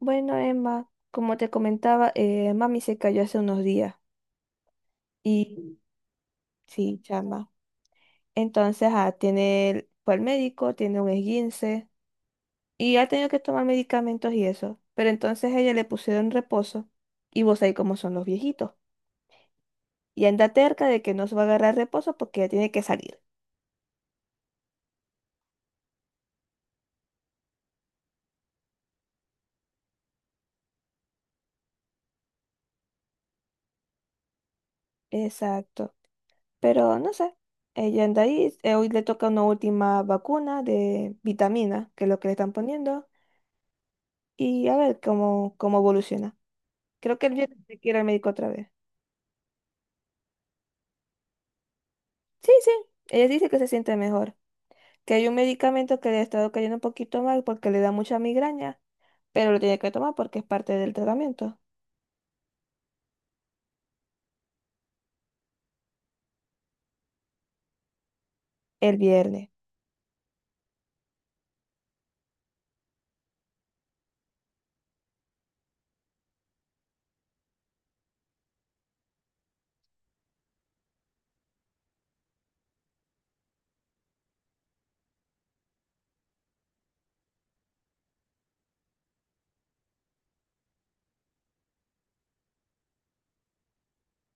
Bueno, Emma, como te comentaba, mami se cayó hace unos días y sí, chama. Entonces, tiene, fue al médico, tiene un esguince y ha tenido que tomar medicamentos y eso. Pero entonces a ella le pusieron reposo y vos ahí como son los viejitos. Y anda terca de que no se va a agarrar reposo porque ella tiene que salir. Exacto. Pero no sé, ella anda ahí, hoy le toca una última vacuna de vitamina, que es lo que le están poniendo, y a ver cómo, cómo evoluciona. Creo que él ya tiene que ir al médico otra vez. Sí, sí, ella dice que se siente mejor, que hay un medicamento que le ha estado cayendo un poquito mal porque le da mucha migraña, pero lo tiene que tomar porque es parte del tratamiento. El viernes.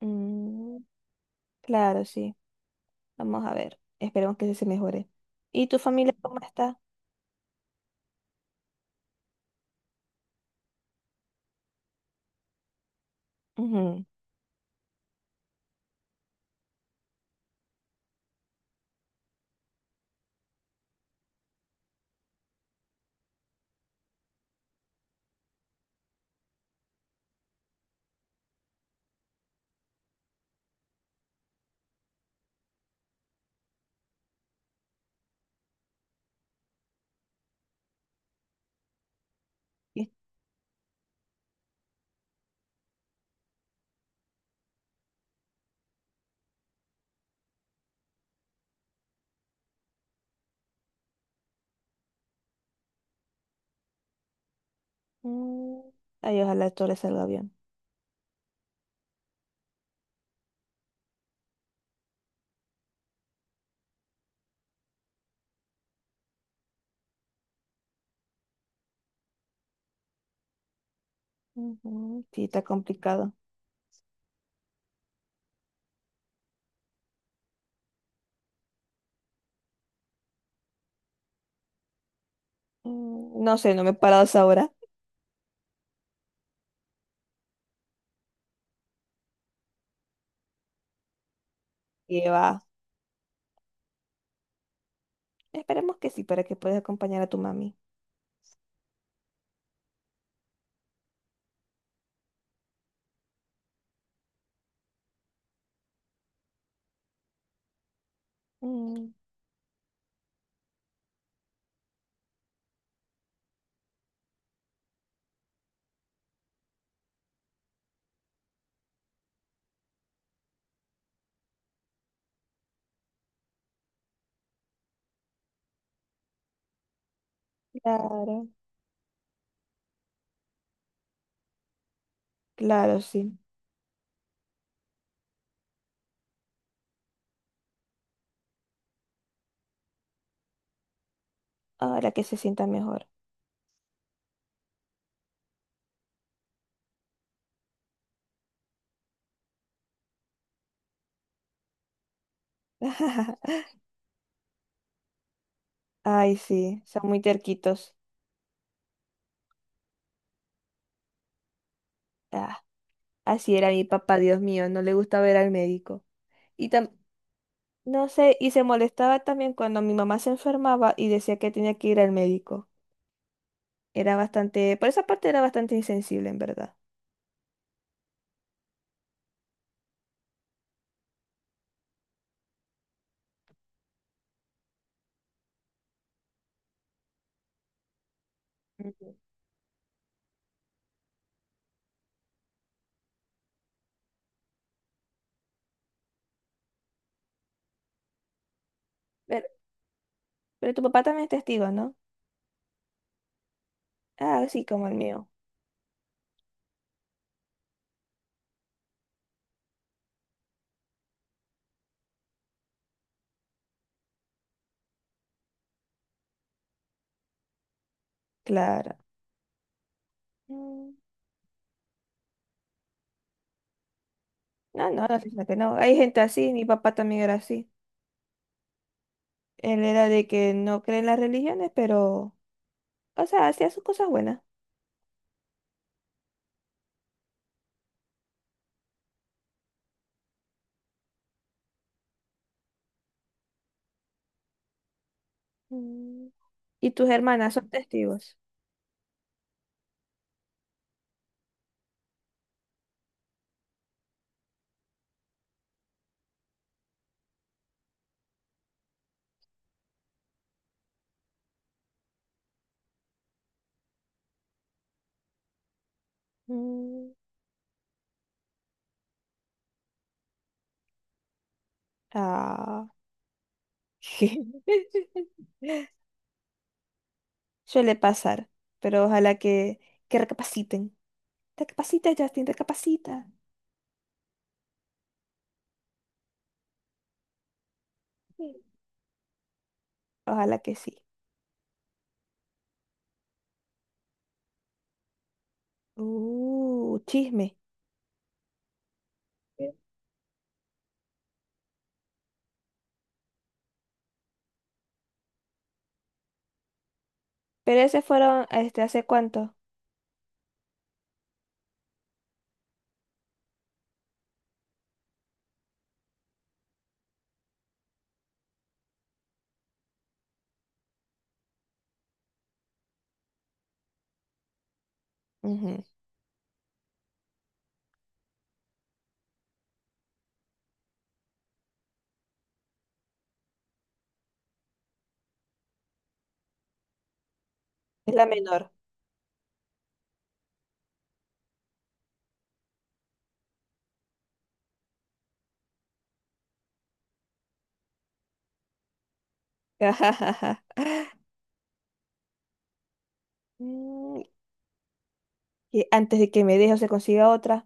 Mm, claro, sí. Vamos a ver. Esperemos que se mejore. ¿Y tu familia cómo está? Ujú. Y- mm, Ay, ojalá todo le salga bien. Ujú, sí, está complicado. Mm, no sé, no me he parado a esa hora. Y va. Esperemos que sí, para que puedas acompañar a tu mami. Mm. Claro, claro, sí. Ahora que se sientan mejor. Ay, sí, son muy terquitos. Ah, así era mi papá, Dios mío, no le gustaba ir al médico. Y tam- no sé, y se molestaba también cuando mi mamá se enfermaba y decía que tenía que ir al médico. Era bastante, por esa parte era bastante insensible, en verdad. Ujú. Pero, pero tu papá también es testigo, ¿no? Ah, sí, como el mío. Claro. Mm, no, no, no, fíjate que no. Hay gente así, mi papá también era así. Él era de que no cree en las religiones, pero, o sea, hacía sus cosas buenas. Mm, y tus hermanas son testigos. Mm. Ah, suele pasar, pero ojalá que recapaciten. Recapacita, Justin, recapacita. Sí. Ojalá que sí. Chisme. Sí. Pero ese fueron, este, ¿hace cuánto? Ujú. Es la menor. Mm, que antes de que me deje o se consiga otra.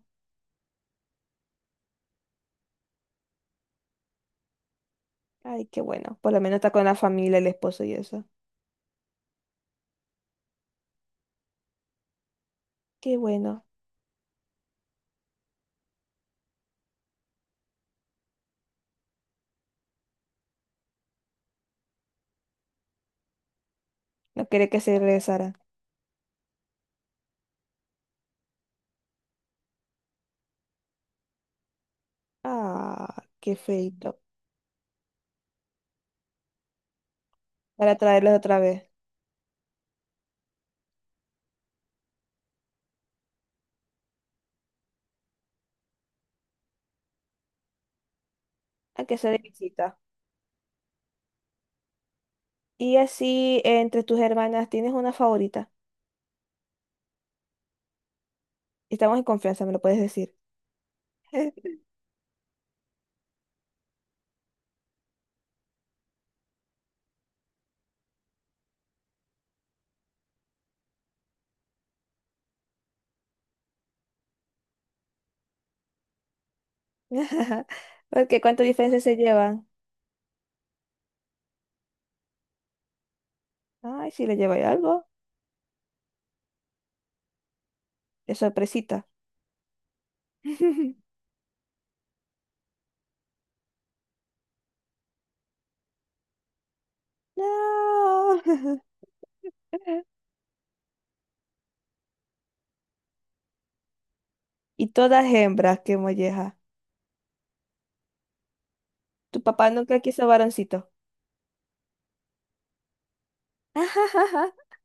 Ay, qué bueno. Por lo menos está con la familia, el esposo y eso. Qué bueno. No quería que se regresaran. Ah, qué feito. Para traerlos otra vez. A que sea de visita. Y así, entre tus hermanas, ¿tienes una favorita? Estamos en confianza, me lo puedes decir. Porque ¿cuánto diferencia se llevan? Ay, si le lleváis algo, de sorpresita. No. Y todas hembras, qué molleja. Tu papá nunca quiso varoncito.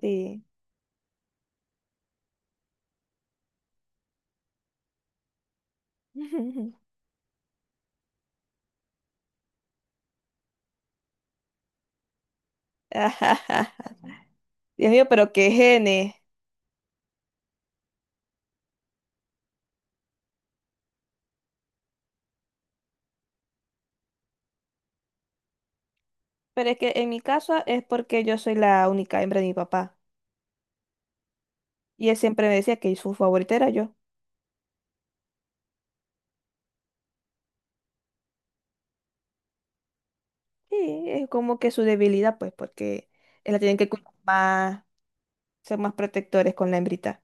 Sí. Ajaja. Dios mío, pero qué genes. Pero es que en mi caso es porque yo soy la única hembra de mi papá. Y él siempre me decía que su favorita era yo. Y es como que su debilidad, pues, porque él la tienen que cuidar más, ser más protectores con la hembrita.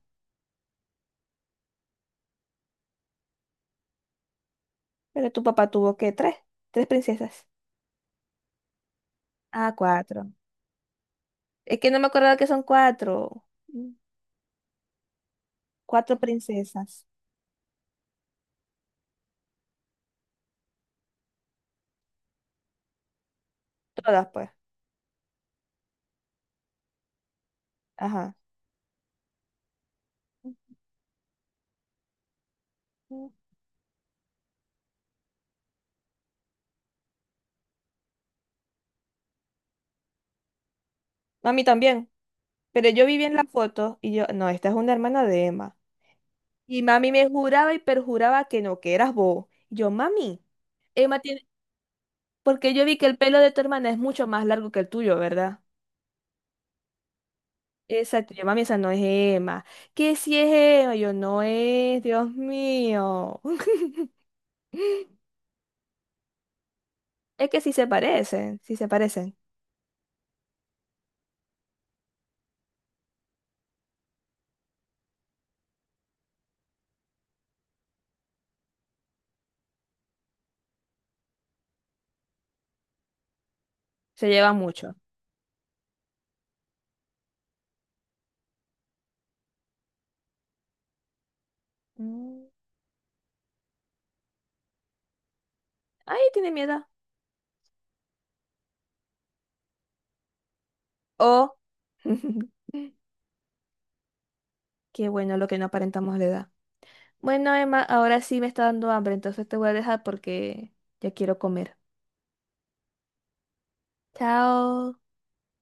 Pero tu papá tuvo que tres, tres princesas. Ah, cuatro. Es que no me acordaba que son cuatro. Mm, cuatro princesas. Todas, pues. Ajá. Ujú. A mí también. Pero yo vi bien la foto y yo, no, esta es una hermana de Emma. Y mami me juraba y perjuraba que no, que eras vos. Y yo, mami, Emma tiene... Porque yo vi que el pelo de tu hermana es mucho más largo que el tuyo, ¿verdad? Exacto. Yo, mami, esa no es Emma. ¿Qué si es Emma? Yo, no es, Dios mío. Es que sí se parecen, sí se parecen. Se llevan mucho. Mm. Ay, tiene miedo. Oh. Qué bueno lo que no aparentamos la edad. Bueno, Emma, ahora sí me está dando hambre, entonces te voy a dejar porque ya quiero comer. Chao.